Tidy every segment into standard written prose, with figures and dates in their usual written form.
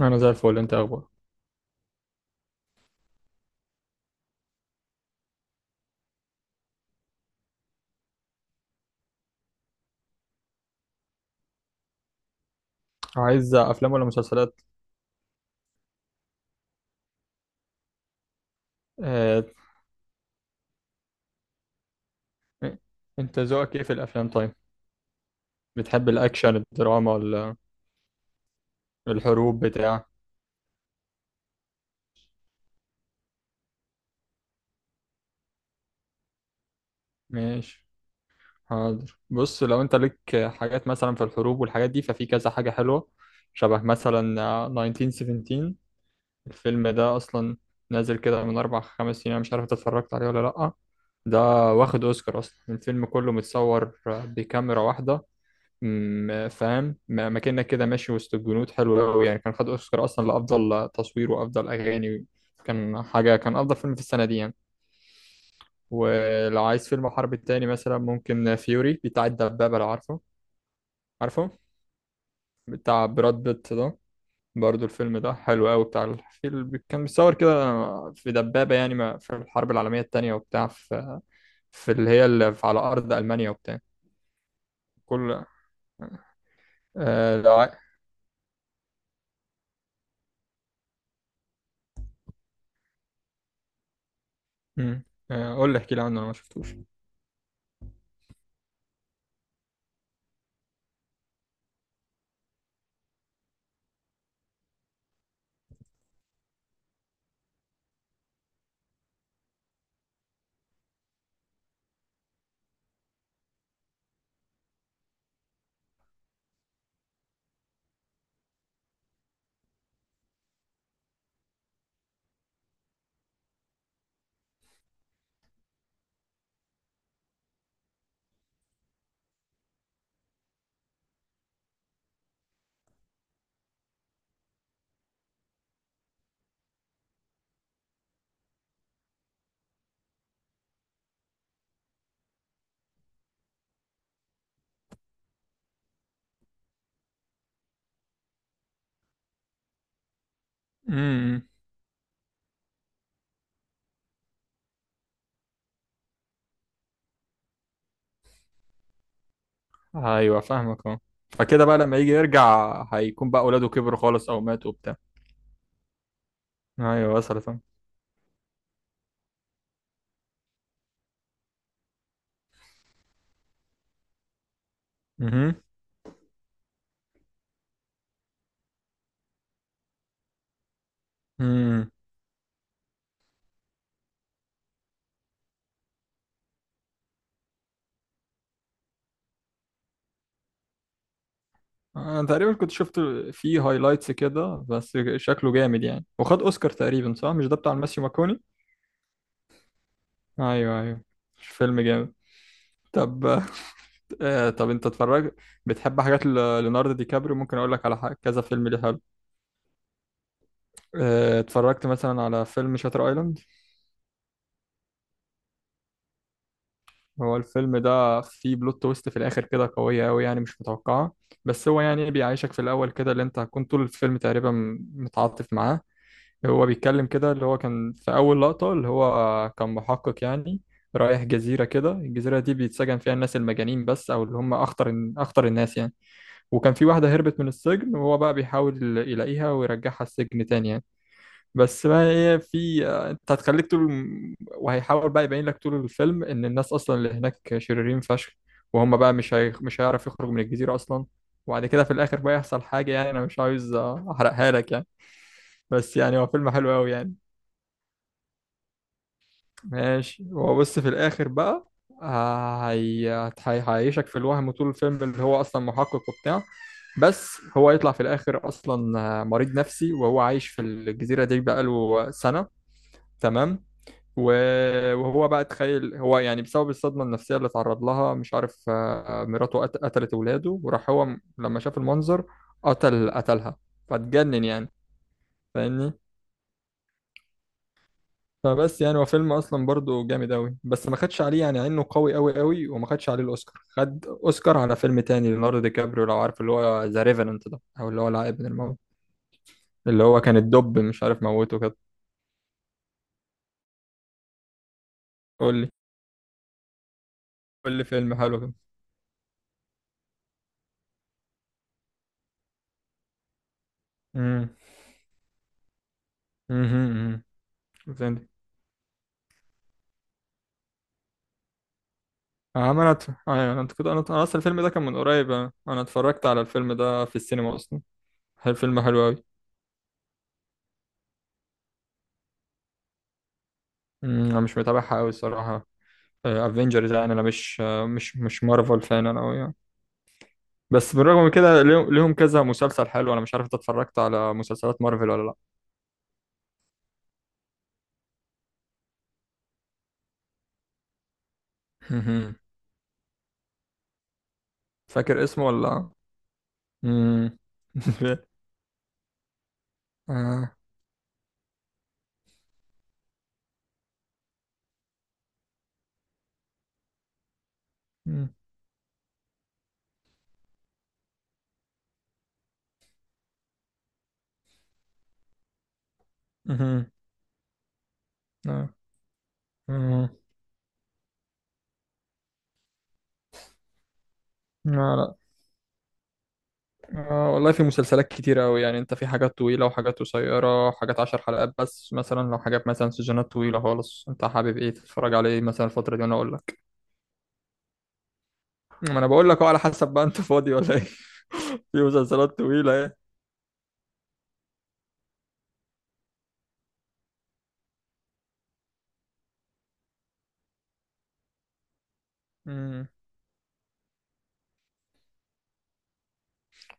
انا زي الفل. انت اخبار؟ عايز افلام ولا مسلسلات؟ آه... انت ذوقك ايه في الافلام طيب؟ بتحب الاكشن، الدراما، ولا الحروب بتاع؟ ماشي. حاضر. بص، لو انت ليك حاجات مثلا في الحروب والحاجات دي، ففي كذا حاجة حلوة. شبه مثلا 1917. الفيلم ده اصلا نازل كده من اربع خمس سنين، انا مش عارف إنت اتفرجت عليه ولا لأ. ده واخد اوسكار. اصلا الفيلم كله متصور بكاميرا واحدة، فاهم؟ مكانك كده ماشي وسط الجنود، حلو قوي يعني. كان خد اوسكار اصلا لافضل تصوير وافضل اغاني. كان حاجه، كان افضل فيلم في السنه دي يعني. ولو عايز فيلم حرب تاني مثلا، ممكن فيوري بتاع الدبابه، لو عارفه. عارفه بتاع براد بيت ده؟ برضو الفيلم ده حلو قوي. بتاع الفيلم كان متصور كده في دبابه يعني، في الحرب العالميه التانيه، وبتاع في، في اللي هي اللي على ارض المانيا وبتاع كل. آه لو عاي- م. قول لي، احكي لي عنه، انا ما شفتوش. مم. ايوه فاهمك. اه، فكده بقى لما يجي يرجع هيكون بقى اولاده كبروا خالص او ماتوا وبتاع. ايوه وصلت. اه. مهم. مم. انا تقريبا كنت شفت فيه هايلايتس كده، بس شكله جامد يعني. وخد اوسكار تقريبا، صح؟ مش ده بتاع الماسيو ماكوني؟ ايوه ايوه. مش فيلم جامد؟ طب، طب انت اتفرجت؟ بتحب حاجات ليوناردو دي كابريو؟ ممكن اقول لك على حاجة، كذا فيلم ليه حلو. اتفرجت مثلا على فيلم شاتر ايلاند؟ هو الفيلم ده فيه بلوت تويست في الاخر كده قويه قوي يعني، مش متوقعه. بس هو يعني بيعيشك في الاول كده. اللي انت هتكون طول الفيلم تقريبا متعاطف معاه. هو بيتكلم كده، اللي هو كان في اول لقطه، اللي هو كان محقق يعني، رايح جزيره كده. الجزيره دي بيتسجن فيها الناس المجانين بس، او اللي هم اخطر اخطر الناس يعني. وكان في واحده هربت من السجن، وهو بقى بيحاول يلاقيها ويرجعها السجن تاني يعني. بس بقى، هي في انت هتخليك طول. وهيحاول بقى يبين لك طول الفيلم ان الناس اصلا اللي هناك شريرين فشخ، وهم بقى مش هيعرف يخرج من الجزيرة اصلا. وبعد كده في الاخر بقى يحصل حاجة، يعني انا مش عاوز احرقها لك يعني. بس يعني هو فيلم حلو قوي يعني. ماشي. هو بص في الاخر بقى، آه، هي... هيعيشك في الوهم طول الفيلم اللي هو اصلا محقق وبتاع. بس هو يطلع في الاخر اصلا مريض نفسي، وهو عايش في الجزيرة دي بقاله سنة. تمام. وهو بقى تخيل هو يعني، بسبب الصدمة النفسية اللي اتعرض لها، مش عارف، مراته قتلت ولاده، وراح هو لما شاف المنظر قتلها. فاتجنن يعني. فاهمني؟ فبس يعني هو فيلم اصلا برضه جامد قوي، بس ما خدش عليه يعني عينه قوي قوي قوي. وما خدش عليه الاوسكار. خد اوسكار على فيلم تاني ليوناردو دي كابريو، لو عارف، اللي هو ذا ريفننت ده، او اللي هو العائد من الموت، اللي هو كان الدب مش عارف موته كده. قول لي، قول لي فيلم حلو كده. امم امم عملت ايوه انت كده؟ انا اصلا الفيلم ده كان من قريب. انا اتفرجت على الفيلم ده في السينما اصلا. هل فيلم حلو قوي؟ انا مش متابعها قوي الصراحه. افنجرز يعني، انا مش آه، مش مش مارفل فان انا قوي يعني. بس بالرغم من كده ليهم كذا مسلسل حلو. انا مش عارف انت اتفرجت على مسلسلات مارفل ولا لا؟ مهم. فاكر اسمه ولا لأ؟ مم. آه. مم. مهم. آه. مم. لا. آه والله في مسلسلات كتيرة أوي يعني. أنت في حاجات طويلة وحاجات قصيرة، حاجات 10 حلقات بس مثلا. لو حاجات مثلا سيزونات طويلة خالص، أنت حابب إيه تتفرج على إيه مثلا الفترة دي وأنا أقول لك. ما أنا بقول لك أهو على حسب بقى، أنت فاضي ولا إيه؟ في مسلسلات طويلة إيه. مم.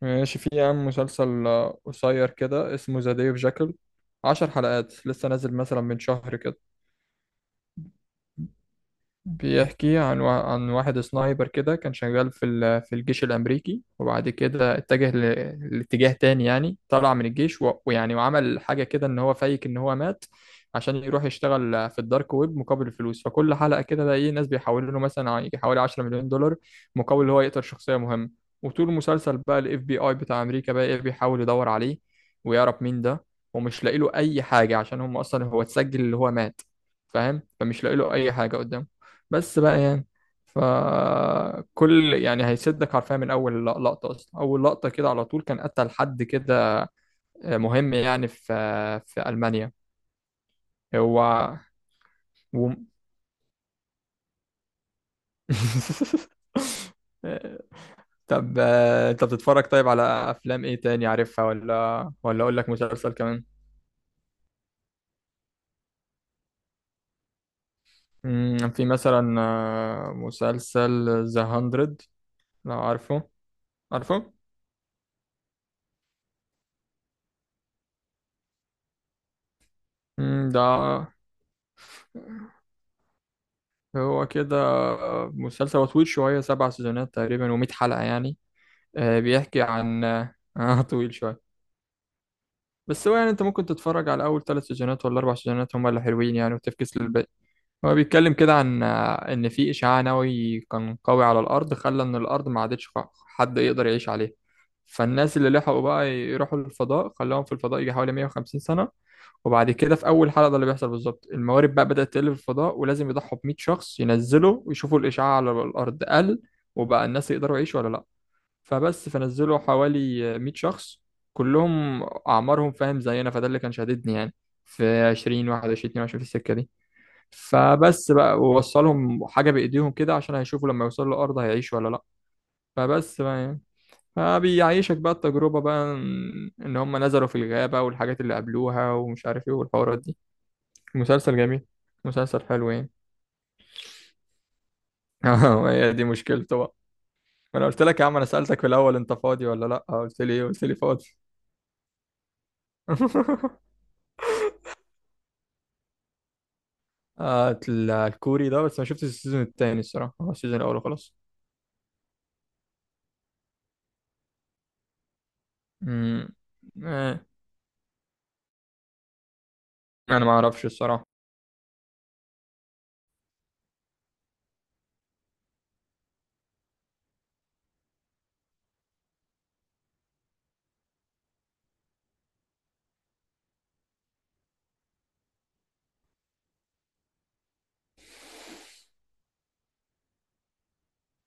ماشي. في يا عم مسلسل قصير كده اسمه ذا ديف جاكل. 10 حلقات، لسه نازل مثلا من شهر كده. بيحكي عن عن واحد سنايبر كده كان شغال في في الجيش الأمريكي. وبعد كده اتجه لاتجاه تاني يعني، طلع من الجيش، ويعني وعمل حاجة كده إن هو فايك إن هو مات، عشان يروح يشتغل في الدارك ويب مقابل الفلوس. فكل حلقة كده الاقي ناس بيحولوا له مثلا يجي حوالي 10 مليون دولار مقابل إن هو يقتل شخصية مهمة. وطول المسلسل بقى الاف بي اي بتاع أمريكا بقى ايه بيحاول يدور عليه ويعرف مين ده، ومش لاقي له أي حاجة عشان هم أصلا هو اتسجل اللي هو مات. فاهم؟ فمش لاقي له أي حاجة قدامه، بس بقى يعني. فكل يعني هيشدك حرفيا من اول لقطه. اصلا اول لقطه كده على طول كان قتل حد كده مهم يعني في المانيا. هو و... طب، انت بتتفرج طيب على افلام ايه تاني عارفها؟ ولا اقول لك مسلسل كمان؟ في مثلا مسلسل ذا هاندرد، لو عارفه. عارفه؟ ده هو كده مسلسل، هو طويل شوية. 7 سيزونات تقريبا و100 حلقة يعني. بيحكي عن طويل شوية. بس هو يعني انت ممكن تتفرج على أول 3 سيزونات ولا 4 سيزونات، هما اللي حلوين يعني، وتفكس للباقي. هو بيتكلم كده عن إن في إشعاع نووي كان قوي على الأرض، خلى إن الأرض ما عادتش حد يقدر يعيش عليها. فالناس اللي لحقوا بقى يروحوا للفضاء، خلاهم في الفضاء يجي حوالي 150 سنة. وبعد كده في اول حلقه ده اللي بيحصل بالظبط، الموارد بقى بدات تقل في الفضاء ولازم يضحوا ب 100 شخص ينزلوا ويشوفوا الاشعاع على الارض قل، وبقى الناس يقدروا يعيشوا ولا لا. فبس، فنزلوا حوالي 100 شخص كلهم اعمارهم فاهم زينا، فده اللي كان شاددني يعني. في 20 21 22 في السكه دي. فبس بقى، ووصلهم حاجه بايديهم كده عشان هيشوفوا لما يوصلوا الارض هيعيشوا ولا لا. فبس بقى يعني. فبيعيشك بقى التجربه بقى، إن هم نزلوا في الغابه والحاجات اللي قابلوها ومش عارف ايه والحوارات دي. مسلسل جميل. مسلسل حلو يعني. اه، هي دي مشكلته بقى. ما انا قلت لك يا عم، انا سألتك في الاول انت فاضي ولا لا، قلت لي ايه؟ قلت لي فاضي. الكوري ده، بس ما شفتش السيزون التاني الصراحة. هو السيزون الاول وخلاص. امم آه. انا ما اعرفش الصراحة.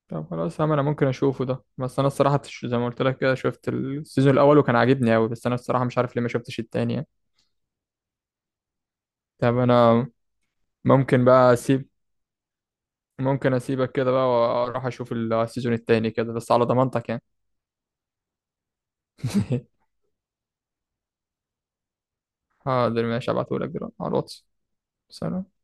طب خلاص يا عم، انا ممكن اشوفه ده. بس انا الصراحة زي ما قلت لك كده، شفت السيزون الاول وكان عاجبني قوي. بس انا الصراحة مش عارف ليه ما شفتش التاني يعني. طب، انا ممكن بقى اسيب ممكن اسيبك كده بقى واروح اشوف السيزون التاني كده، بس على ضمانتك يعني. حاضر ماشي، هبعتهولك دلوقتي على الواتس. سلام.